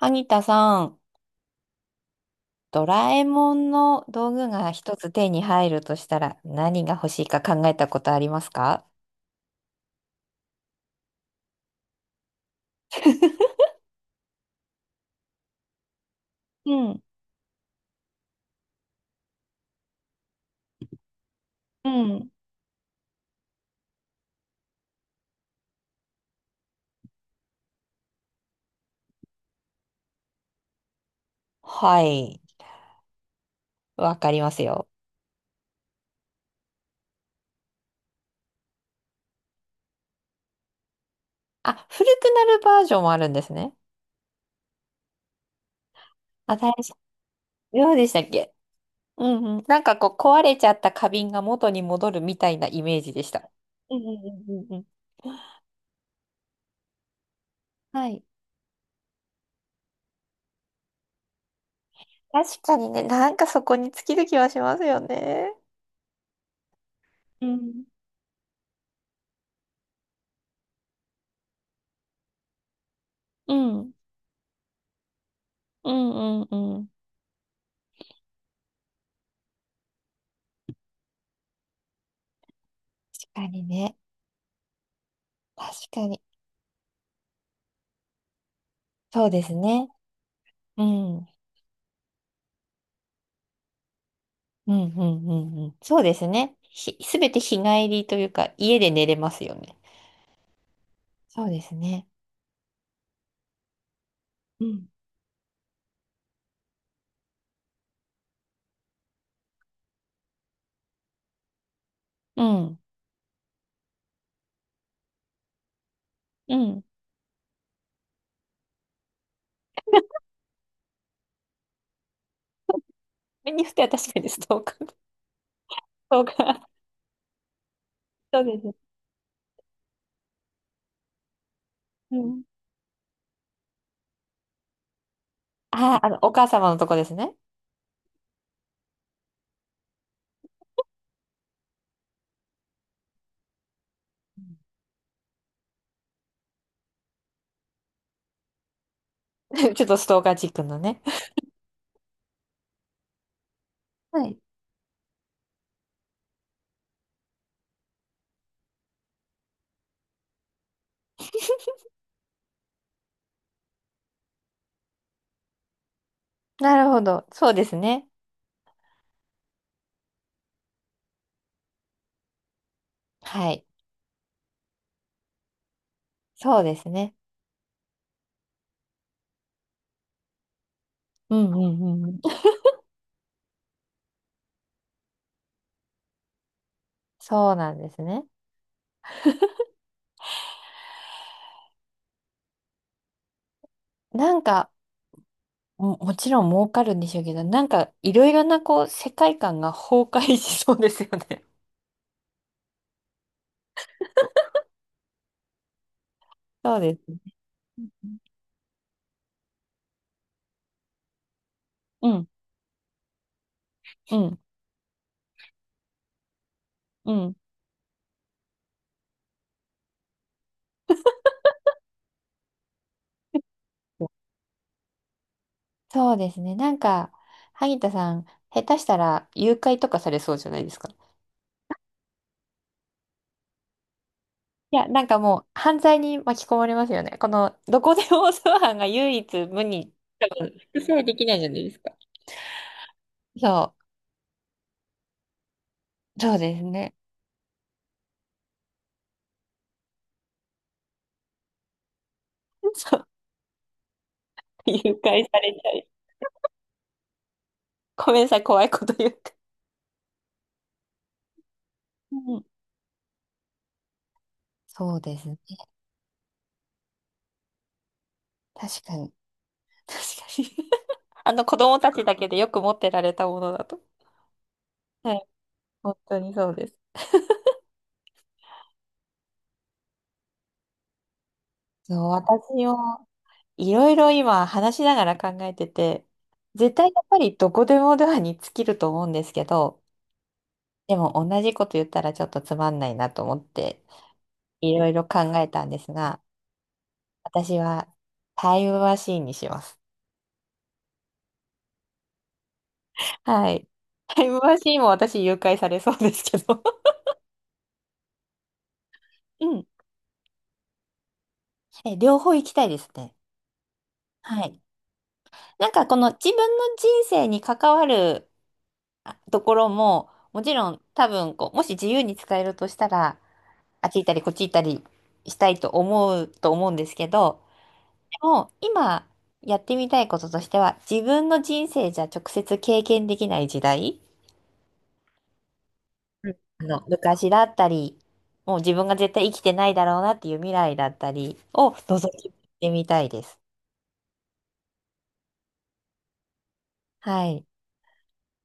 萩田さん、ドラえもんの道具が一つ手に入るとしたら何が欲しいか考えたことありますか？うん、うん。はい、わかりますよ。あ、古くなるバージョンもあるんですね。新しい。どうでしたっけ？うんうん。なんかこう壊れちゃった花瓶が元に戻るみたいなイメージでした。うんうんうんうんうん。はい。確かにね、なんかそこに尽きる気はしますよね。うん。うん、うんうんうん。確かにね。確かに。そうですね。うん。うん、うん、うんうん。そうですね。ひ、すべて日帰りというか、家で寝れますよね。そうですね。うん。うん。うん。目にしては確かにストーカー。ストーカー。そうです。うん。ああ、お母様のとこですね。うん ちょっとストーカーチックのね。はい。なるほど。そうですね。はい。そうですね。うんうんうんうん。そうなんですね。なんか、も、もちろん儲かるんでしょうけど、なんかいろいろなこう世界観が崩壊しそうですよね。そうですね。うん、うん、うん。そうですね。なんか、萩田さん、下手したら誘拐とかされそうじゃないですか？いや、なんかもう犯罪に巻き込まれますよね。この、どこでも通販が唯一無二。救済できないじゃないですか。そう、そうですね。そう、誘拐されちゃい。ごめんなさい、怖いこと言って。うん、そうですね。確かに。確かに。あの子供たちだけでよく持ってられたものだと。はい、本当にそうです。そう、私もいろいろ今話しながら考えてて、絶対やっぱりどこでもドアに尽きると思うんですけど、でも同じこと言ったらちょっとつまんないなと思って、いろいろ考えたんですが、私はタイムマシーンにします。はい。タイムマシーンも私誘拐されそうですけど。うん。え、両方行きたいですね。はい。なんかこの自分の人生に関わるところも、もちろん多分こう、もし自由に使えるとしたら、あっち行ったりこっち行ったりしたいと思うと思うんですけど、でも今やってみたいこととしては、自分の人生じゃ直接経験できない時代、うん、あの昔だったり、もう自分が絶対生きてないだろうなっていう未来だったりを覗いてみたいです。はい。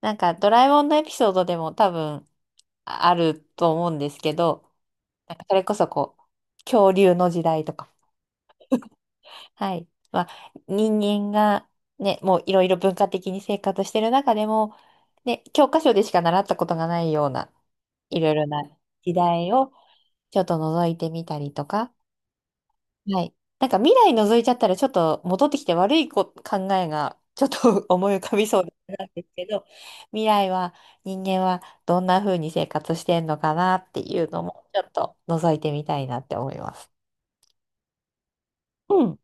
なんかドラえもんのエピソードでも多分あると思うんですけど、なんかそれこそこう、恐竜の時代とか。はい。まあ、人間がね、もういろいろ文化的に生活してる中でも、ね、教科書でしか習ったことがないような、いろいろな時代をちょっと覗いてみたりとか。はい。なんか未来覗いちゃったらちょっと戻ってきて悪いこ考えがちょっと 思い浮かびそうなんですけど、未来は人間はどんな風に生活してんのかなっていうのもちょっと覗いてみたいなって思います。うん。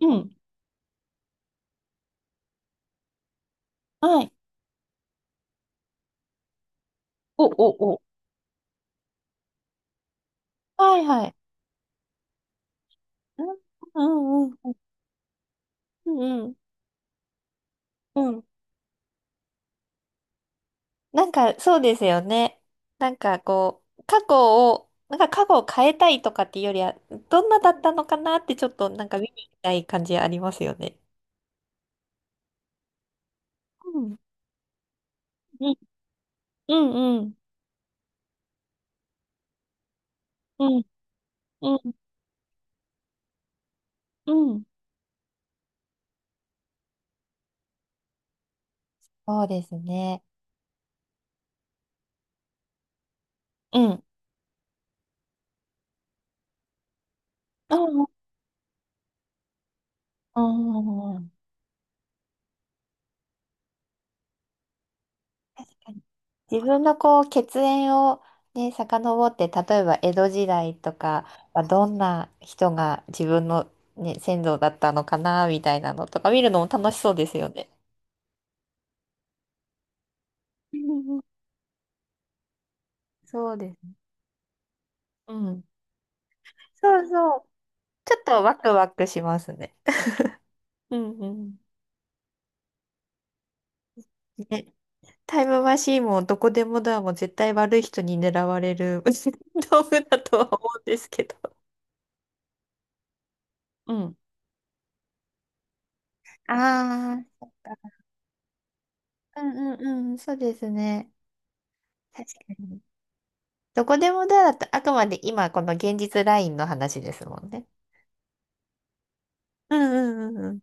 うん。はい。お、お、お。はいはい。うんうんうん。うんうん。うん。なんかそうですよね。なんかこう、過去を、なんか過去を変えたいとかっていうよりは、どんなだったのかなってちょっとなんか見に行きたい感じありますよね。うん。うんうんうん。うんうんうん。そうですね。うん。うんうんうんうんうん。確かに自分のこう血縁をね、遡って、例えば江戸時代とかはどんな人が自分の、ね、先祖だったのかな、みたいなのとか見るのも楽しそうですよね。うんうん、そうです。うん。そうそう。ちょっとワクワクしますね。うんうん。ね。タイムマシーンもどこでもドアも絶対悪い人に狙われる 道具だとは思うんですけど。うん。ああ、そっか。うんうんうん、そうですね。確かに。どこでもドアだと、あくまで今この現実ラインの話ですもんね。うんうんうんうん。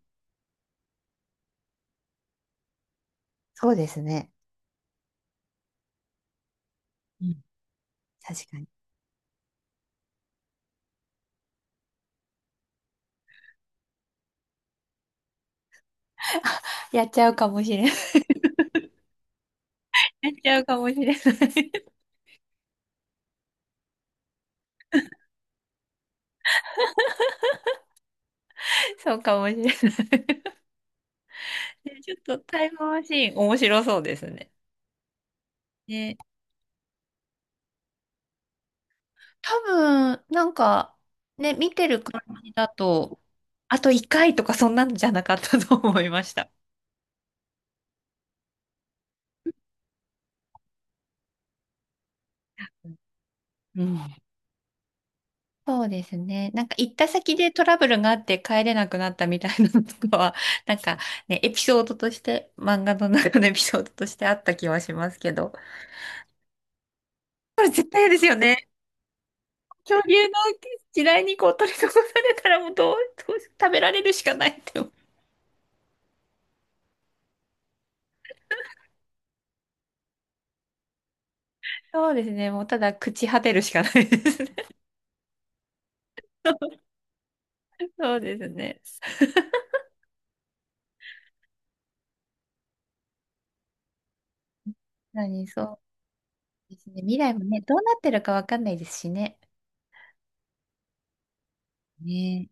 そうですね。うん、確かに。やっちゃうかもしれん。やっちゃうかもしれない。そうかもしれない。ちょっとタイムマシーン面白そうですね。ね、多分、なんか、ね、見てる感じだと、あと1回とかそんなんじゃなかったと思いました。うん。そうですね。なんか行った先でトラブルがあって帰れなくなったみたいなのとかは、なんかね、エピソードとして、漫画の中のエピソードとしてあった気はしますけど。これ絶対嫌ですよね。恐竜の時代にこう取り残されたらもうどう、どう食べられるしかないって思う。そうですね。もうただ朽ち果てるしかないですね。そうですね。何、そうですね。未来もね、どうなってるかわかんないですしね。ね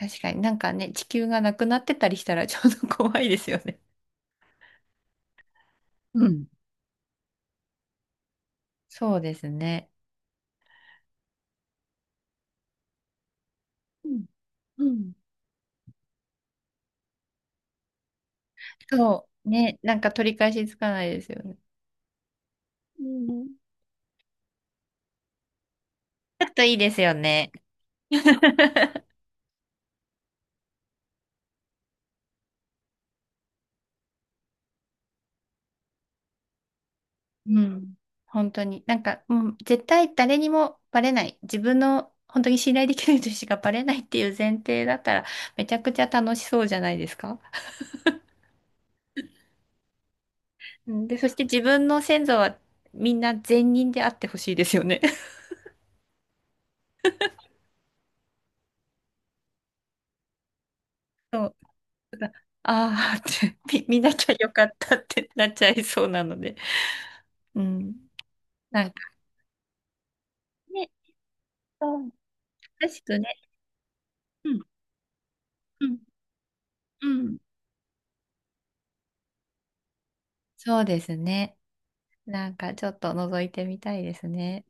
え。確かになんかね、地球がなくなってたりしたらちょうど怖いですよね。うん、そうですね。うん。うん。そう。ね。なんか取り返しつかないですよね。うん。ちょっといいですよね。うん。本当に。なんか、うん、絶対誰にもバレない。自分の本当に信頼できる人しかバレないっていう前提だったら、めちゃくちゃ楽しそうじゃないですか。うんで、そして自分の先祖はみんな善人であってほしいですよね。そう。ああーって、み見なきゃよかったってなっちゃいそうなので。うん。なんかね、そう、らしくね。うんうんうん。そうですね。なんかちょっと覗いてみたいですね。